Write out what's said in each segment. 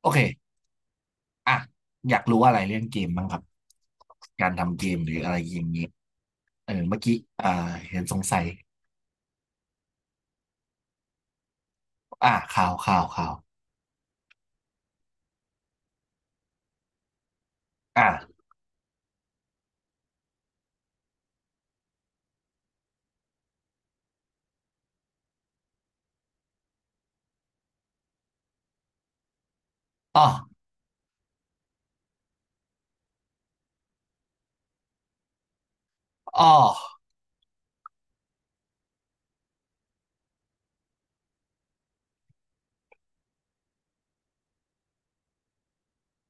โอเคอ่ะอยากรู้อะไรเรื่องเกมบ้างครับ การทำเกมหรืออะไรอย่างเงี้ยเออเมื่อกี้อ่าเห็นสงสัยข่าวข่าวข่าวอ่าอ๋ออ๋อ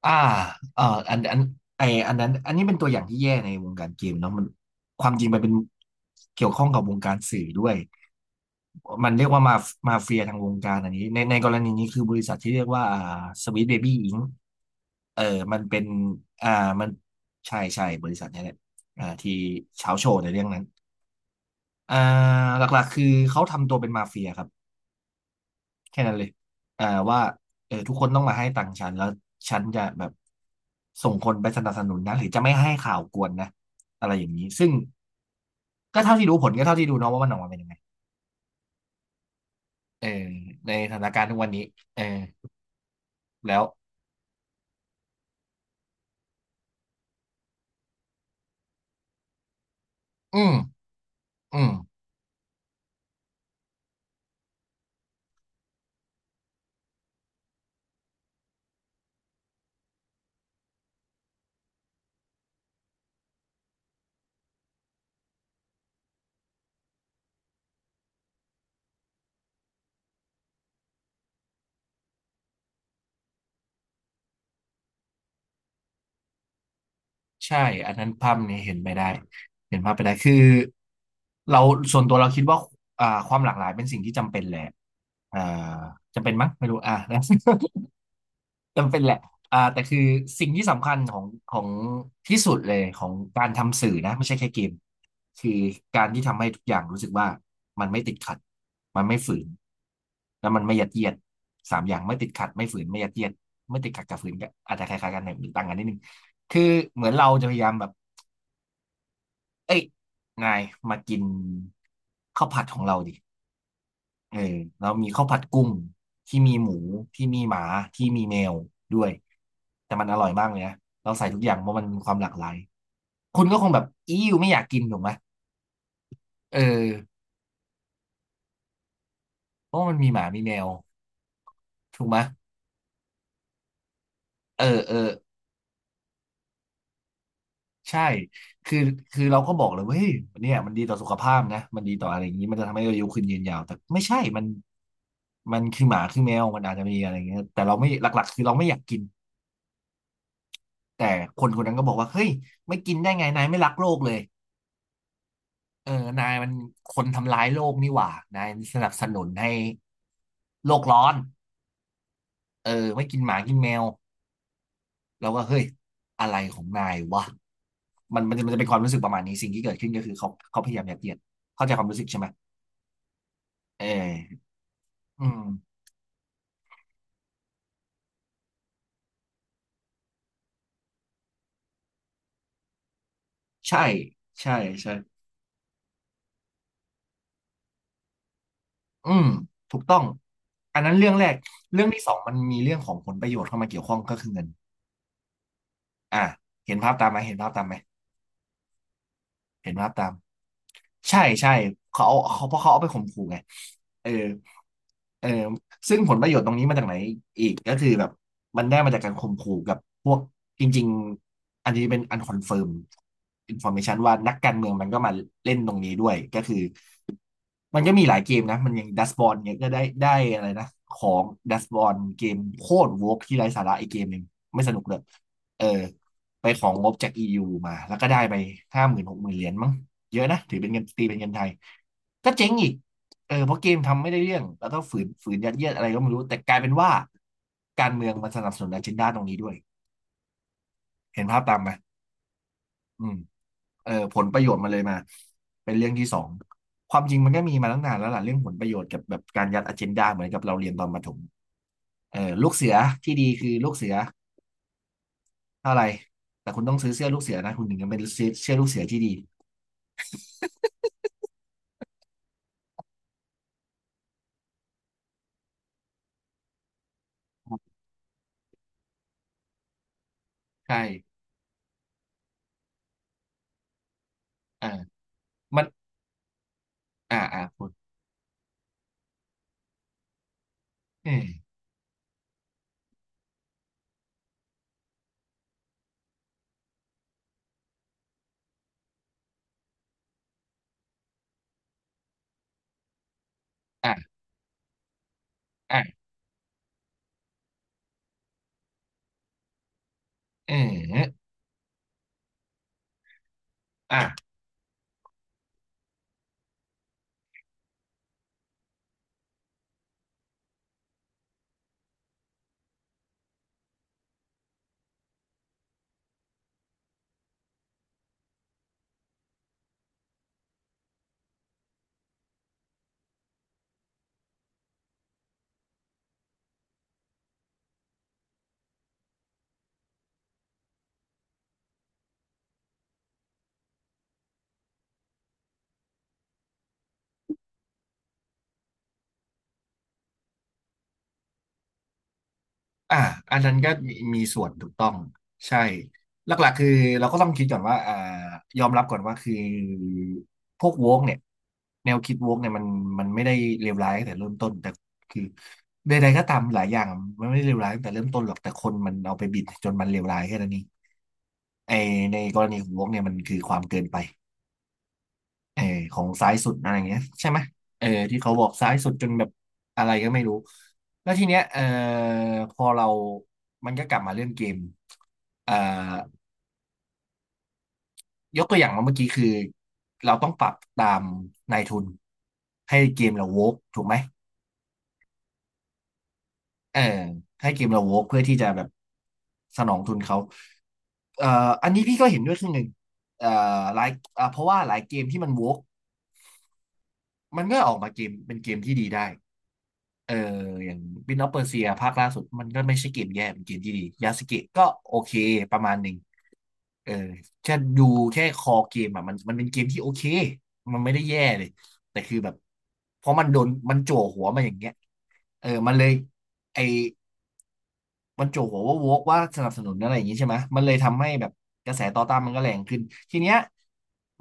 อ่าเอออันอันไออันนั้นอันนี้เป็นตัวอย่างที่แย่ในวงการเกมเนาะความจริงมันเป็นเกี่ยวข้องกับวงการสื่อด้วย มันเรียกว่ามาเฟียทางวงการอันนี้ในกรณีนี้คือบริษัทที่เรียกว่าสวีทเบบี้อิงเออมันเป็นอ่ามันใช่บริษัทนี้แหละที่เช้าโชว์ในเรื่องนั้นอ่าหลักๆคือเขาทำตัวเป็นมาเฟียครับแค่นั้นเลยอ่าว่าเออทุกคนต้องมาให้ตังค์ฉันแล้วฉันจะแบบส่งคนไปสนับสนุนนะหรือจะไม่ให้ข่าวกวนนะอะไรอย่างนี้ซึ่งก็เท่าที่รู้ผลก็เท่าที่ดูเนาะว่ามันออกมาเป็นยังไงเออในสถานการณ์ทุกวันนี้เออ แล้ว อืม อืม ใช่ อันนั้นภาพนี้เห็นไม่ได้ เห็นภาพไปได้ คือเราส่วนตัวเราคิดว่าความหลากหลายเป็นสิ่งที่จำเป็นแหละอ่าจำเป็นมั้งไม่รู้อ่านะ จำเป็นแหละแต่คือสิ่งที่สำคัญของที่สุดเลยของการทำสื่อนะไม่ใช่แค่เกมคือการที่ทำให้ทุกอย่างรู้สึกว่ามันไม่ติดขัดมันไม่ฝืน แล้วมันไม่ยัดเยียดสามอย่างไม่ติดขัดไม่ฝืนไม่ยัดเยียดไม่ติดขัดกับฝืนก็อาจจะคล้ายๆกันหน่อยต่างกันนิดนึงคือเหมือนเราจะพยายามแบบเอ้ยนายมากินข้าวผัดของเราดิ เออแล้วมีข้าวผัดกุ้งที่มีหมูที่มีหมาที่มีแมวด้วยแต่มันอร่อยมากเลยนะเราใส่ทุกอย่างเพราะมันมีความหลากหลายคุณก็คงแบบอีอไม่อยากกินถูกไหมเออเพราะมันมีหมามีแมวถูกไหมเออเออใช่คือคือเราก็บอกเลยว่าเฮ้ยเนี่ยมันดีต่อสุขภาพนะมันดีต่ออะไรอย่างนี้มันจะทำให้อายุขึ้นยืนยาวแต่ไม่ใช่มันคือหมาคือแมวมันอาจจะมีอะไรอย่างเงี้ยแต่เราไม่หลักๆคือเราไม่อยากกินแต่คนคนนั้นก็บอกว่าเฮ้ยไม่กินได้ไงนายไม่รักโลกเลย เออนายมันคนทำร้ายโลกนี่หว่า นายสนับสนุนให้โลกร้อนเออไม่กินหมากินแมวแล้วก็เฮ้ยอะไรของนายวะ มันจะเป็นความรู้สึกประมาณนี้สิ่งที่เกิดขึ้นก็คือเขาพยายามยัดเยียดเข้าใจความรู้สึกใช่ไหมเอออืมใช่ใช่ใช่อืมถูกต้องอันนั้นเรื่องแรกเรื่องที่สองมันมีเรื่องของผลประโยชน์เข้ามาเกี่ยวข้องก็คือเงินอ่ะเห็นภาพตามไหมเห็นภาพตามไหม เห็นภาพตามใช่ใช่เขาเอาเขาเพราะเขาเอาไปข่มขู่ไงเออเออซึ่งผลประโยชน์ตรงนี้มาจากไหนอีกก็คือแบบมันได้มาจากการข่มขู่กับพวกจริงๆอันนี้เป็นอันคอนเฟิร์มอินฟอร์เมชันว่านักการเมืองมันก็มาเล่นตรงนี้ด้วยก็คือ มันก็มีหลายเกมนะมันอย่างดัสบอลเนี่ยก็ได้อะไรนะของดัสบอลเกมโคตรโวกที่ไร้สาระอีกเกมหนึ่งไม่สนุกเลยเออไปของงบจากอียูมาแล้วก็ได้ไปห้าหมื่นหกหมื่นเหรียญมั้งเยอะนะถือเป็นเงินตีเป็นเงินไทยก็เจ๊งอีกเออเพราะเกมทำไม่ได้เรื่องแล้วก็ฝืนยัดเยียดอะไรก็ไม่รู้แต่กลายเป็นว่าการเมืองมันสนับสนุนอเจนดาตรงนี้ด้วยเห็นภาพตามไหมอืม เออผลประโยชน์มันเลยมาเป็นเรื่องที่สองความจริงมันก็มีมาตั้งนานแล้วล่ะเรื่องผลประโยชน์กับแบบการยัดอเจนดาเหมือนกับเราเรียนตอนประถมเออลูกเสือที่ดีคือลูกเสือเท่าไหร่แต่คุณต้องซื้อเสื้อลูกเสือนะคุณถึงจะเป็นเสื้อลูกเสือที่ดีใช่อ่ามันอ่าอ่าคุณเอออ่าอ่าเอออ่า อ่าอันนั้นก็มีส่วนถูกต้องใช่หลักๆคือเราก็ต้องคิดก่อนว่ายอมรับก่อนว่าคือพวกโวกเนี่ยแนวคิดโวกเนี่ยมันไม่ได้เลวร้ายตั้งแต่เริ่มต้นแต่คือใดๆก็ตามหลายอย่างมันไม่ได้เลวร้ายตั้งแต่เริ่มต้นหรอกแต่คนมันเอาไปบิดจนมันเลวร้ายแค่นั้นเองไอในกรณีของโวกเนี่ยมันคือความเกินไปเออของซ้ายสุดอะไรอย่างเงี้ยใช่ไหมเออที่เขาบอกซ้ายสุดจนแบบอะไรก็ไม่รู้ แล้วทีเนี้ยพอเรามันก็กลับมาเรื่องเกมเอ่อยกตัวอย่างมาเมื่อกี้คือ เราต้องปรับตามนายทุนให้เกมเราโวกถูกไหมเออให้เกมเราโวกเพื่อที่จะแบบสนองทุนเขาเอ่ออันนี้พี่ก็เห็นด้วยครึ่งหนึ่งเอ่อหลายเพราะว่าหลายเกมที่มันโวกมันก็ออกมาเกมเป็นเกมที่ดีได้เอออย่างบินออฟเปอร์เซียภาคล่าสุดมันก็ไม่ใช่เกมแย่เป็นเกมที่ดียาสเกะก็โอเคประมาณหนึ่ง เออแค่ดูแค่คอเกมอ่ะมันเป็นเกมที่โอเคมันไม่ได้แย่เลยแต่คือแบบเพราะโดนมันจั่วหัวมาอย่างเงี้ยเออมันเลยไอมันจั่วหัวว่าโวกว่าสนับสนุนอะไรอย่างงี้ใช่ไหมมันเลยทำให้แบบกระแสต่อต้านมันก็แรงขึ้นทีเนี้ย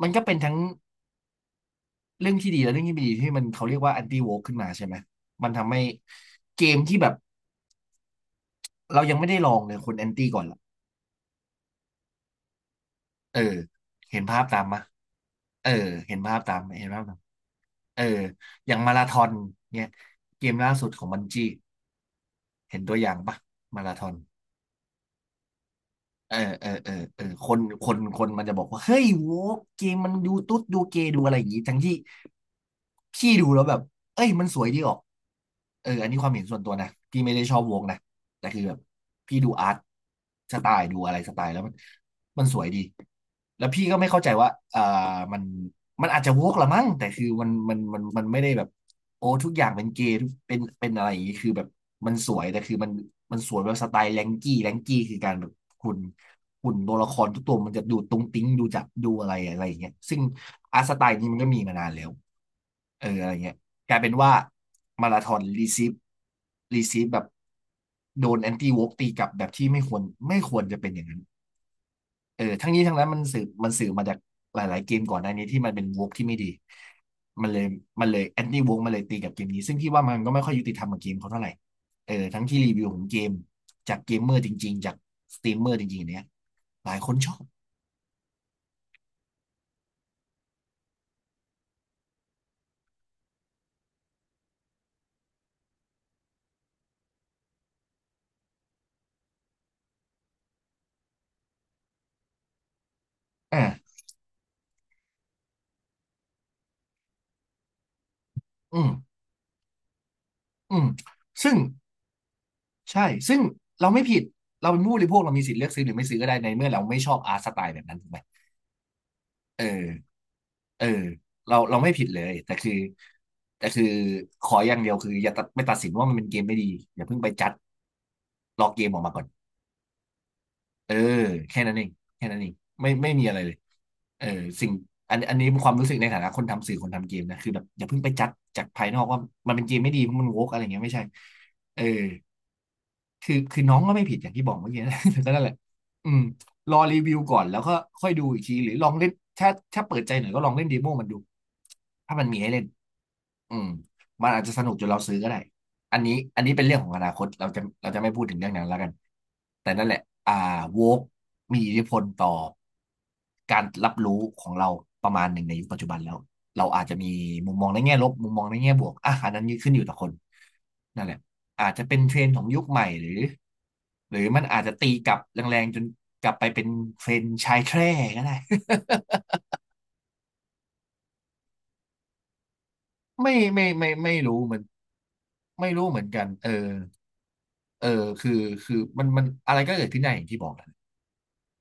มันก็เป็นทั้งเรื่องที่ดีและเรื่องที่ไม่ดีที่มันเขาเรียกว่าแอนตี้โวกขึ้นมาใช่ไหมมันทำให้เกมที่แบบเรายังไม่ได้ลองเลยคนแอนตี้ก่อนละเออเห็นภาพตามมะเออเห็นภาพตามไหมเห็นภาพตาม เอออย่างมาราธอนเนี่ยเกมล่าสุดของบันจี้เห็นตัวอย่างปะมาราธอนเออคนมันจะบอกว่าเฮ้ยโว้เกมมันดูตุ๊ดดูเกย์ดูอะไรอย่างงี้ทั้งที่พี่ดูแล้วแบบเอ้ยมันสวยดีออกเอออันนี้ความเห็นส่วนตัวนะพี่ไม่ได้ชอบวงนะ แต่คือแบบพี่ดูอาร์ตสไตล์ดูอะไรสไตล์แล้วมันสวยดีแล้วพี่ก็ไม่เข้าใจว่ามันมันอาจจะวกละมั้งแต่คือมันไม่ได้แบบโอ้ทุกอย่างเป็นเกย์เป็นอะไรอย่างนี้คือแบบมันสวยแต่คือมันสวยแบบสไตล์แรงกี้คือการแบบคุณคุ่นตัวละครทุกตัวมันจะดูตุ้งติ้งดูจับดูอะไรอะไรอย่างเงี้ยซึ่งอาร์ตสไตล์นี้มันก็มีมานานแล้วเอออะไรเงี้ย กลายเป็นว่ามาราธอนรีซีฟแบบโดนแอนตี้วอล์กตีกลับแบบที่ไม่ควรจะเป็นอย่างนั้นเออทั้งนี้ทั้งนั้นมันสื่อมาจากหลายๆเกมก่อนหน้านี้ที่มันเป็นวอล์กที่ไม่ดีมันเลยมันเลยแอนตี้วอล์กมันเลยตีกับเกมนี้ซึ่งพี่ว่ามันก็ไม่ค่อยยุติธรรมกับเกมเขาเท่าไหร่เออทั้งที่รีวิวของเกมจากเกมเมอร์จริงๆ จากสตรีมเมอร์จริงๆเนี้ยหลายคนชอบอ่าอืมอืมซึ่ง ใช่ ซึ่งเราไม่ผิด เราเป็นผู้บริโภคเรามีสิทธิ์เลือกซื้อหรือไม่ซื้อก็ได้ในเมื่อเราไม่ชอบอาร์ตสไตล์แบบนั้นถูกไหมเออเออเราไม่ผิดเลย แต่คือขออย่างเดียวคืออย่าตัดสินว่ามันเป็นเกมไม่ดีอย่าเพิ่งไปจัดรอเกมออกมาก่อนเออแค่นั้นเองแค่นั้นเองไม่มีอะไรเลยเออสิ่งอันนี้ความรู้สึกในฐานะคนทำสื่อคนทำเกมนะคือแบบอย่าเพิ่งไปจัดจากภายนอกว่ามันเป็นเกมไม่ดีเพราะมันโวกอะไรเงี้ยไม่ใช่เออ คือน้องก็ไม่ผิดอย่างที่บอกเมื่อกี้นะ แต่ก็นั่นแหละอืมรอรีวิวก่อนแล้วก็ค่อยดูอีกทีหรือลองเล่นถ้าถ้าเปิดใจหน่อยก็ลองเล่นเดโมมันดูถ้ามันมีให้เล่นอืมมันอาจจะสนุกจนเราซื้อก็ได้อันนี้เป็นเรื่องของอนาคตเราจะไม่พูดถึงเรื่องนั้นแล้วกันแต่นั่นแหละอ่าโวกมีอิทธิพลต่อการรับรู้ของเราประมาณหนึ่งในยุคปัจจุบันแล้วเราอาจจะมีมุมมองในแง่ลบมุมมองในแง่บวกอ่ะอันนั้นขึ้นอยู่ต่อคน นั่นแหละอาจจะเป็นเทรนด์ของยุคใหม่หรือมันอาจจะตีกลับแรงๆจนกลับไปเป็นเทรนด์ชายแคร่ก็ได้ ไม่รู้เหมือนไม่รู้เหมือนกันเออคือมันอะไรก็เกิดขึ้นได้อย่างที่บอกแหละ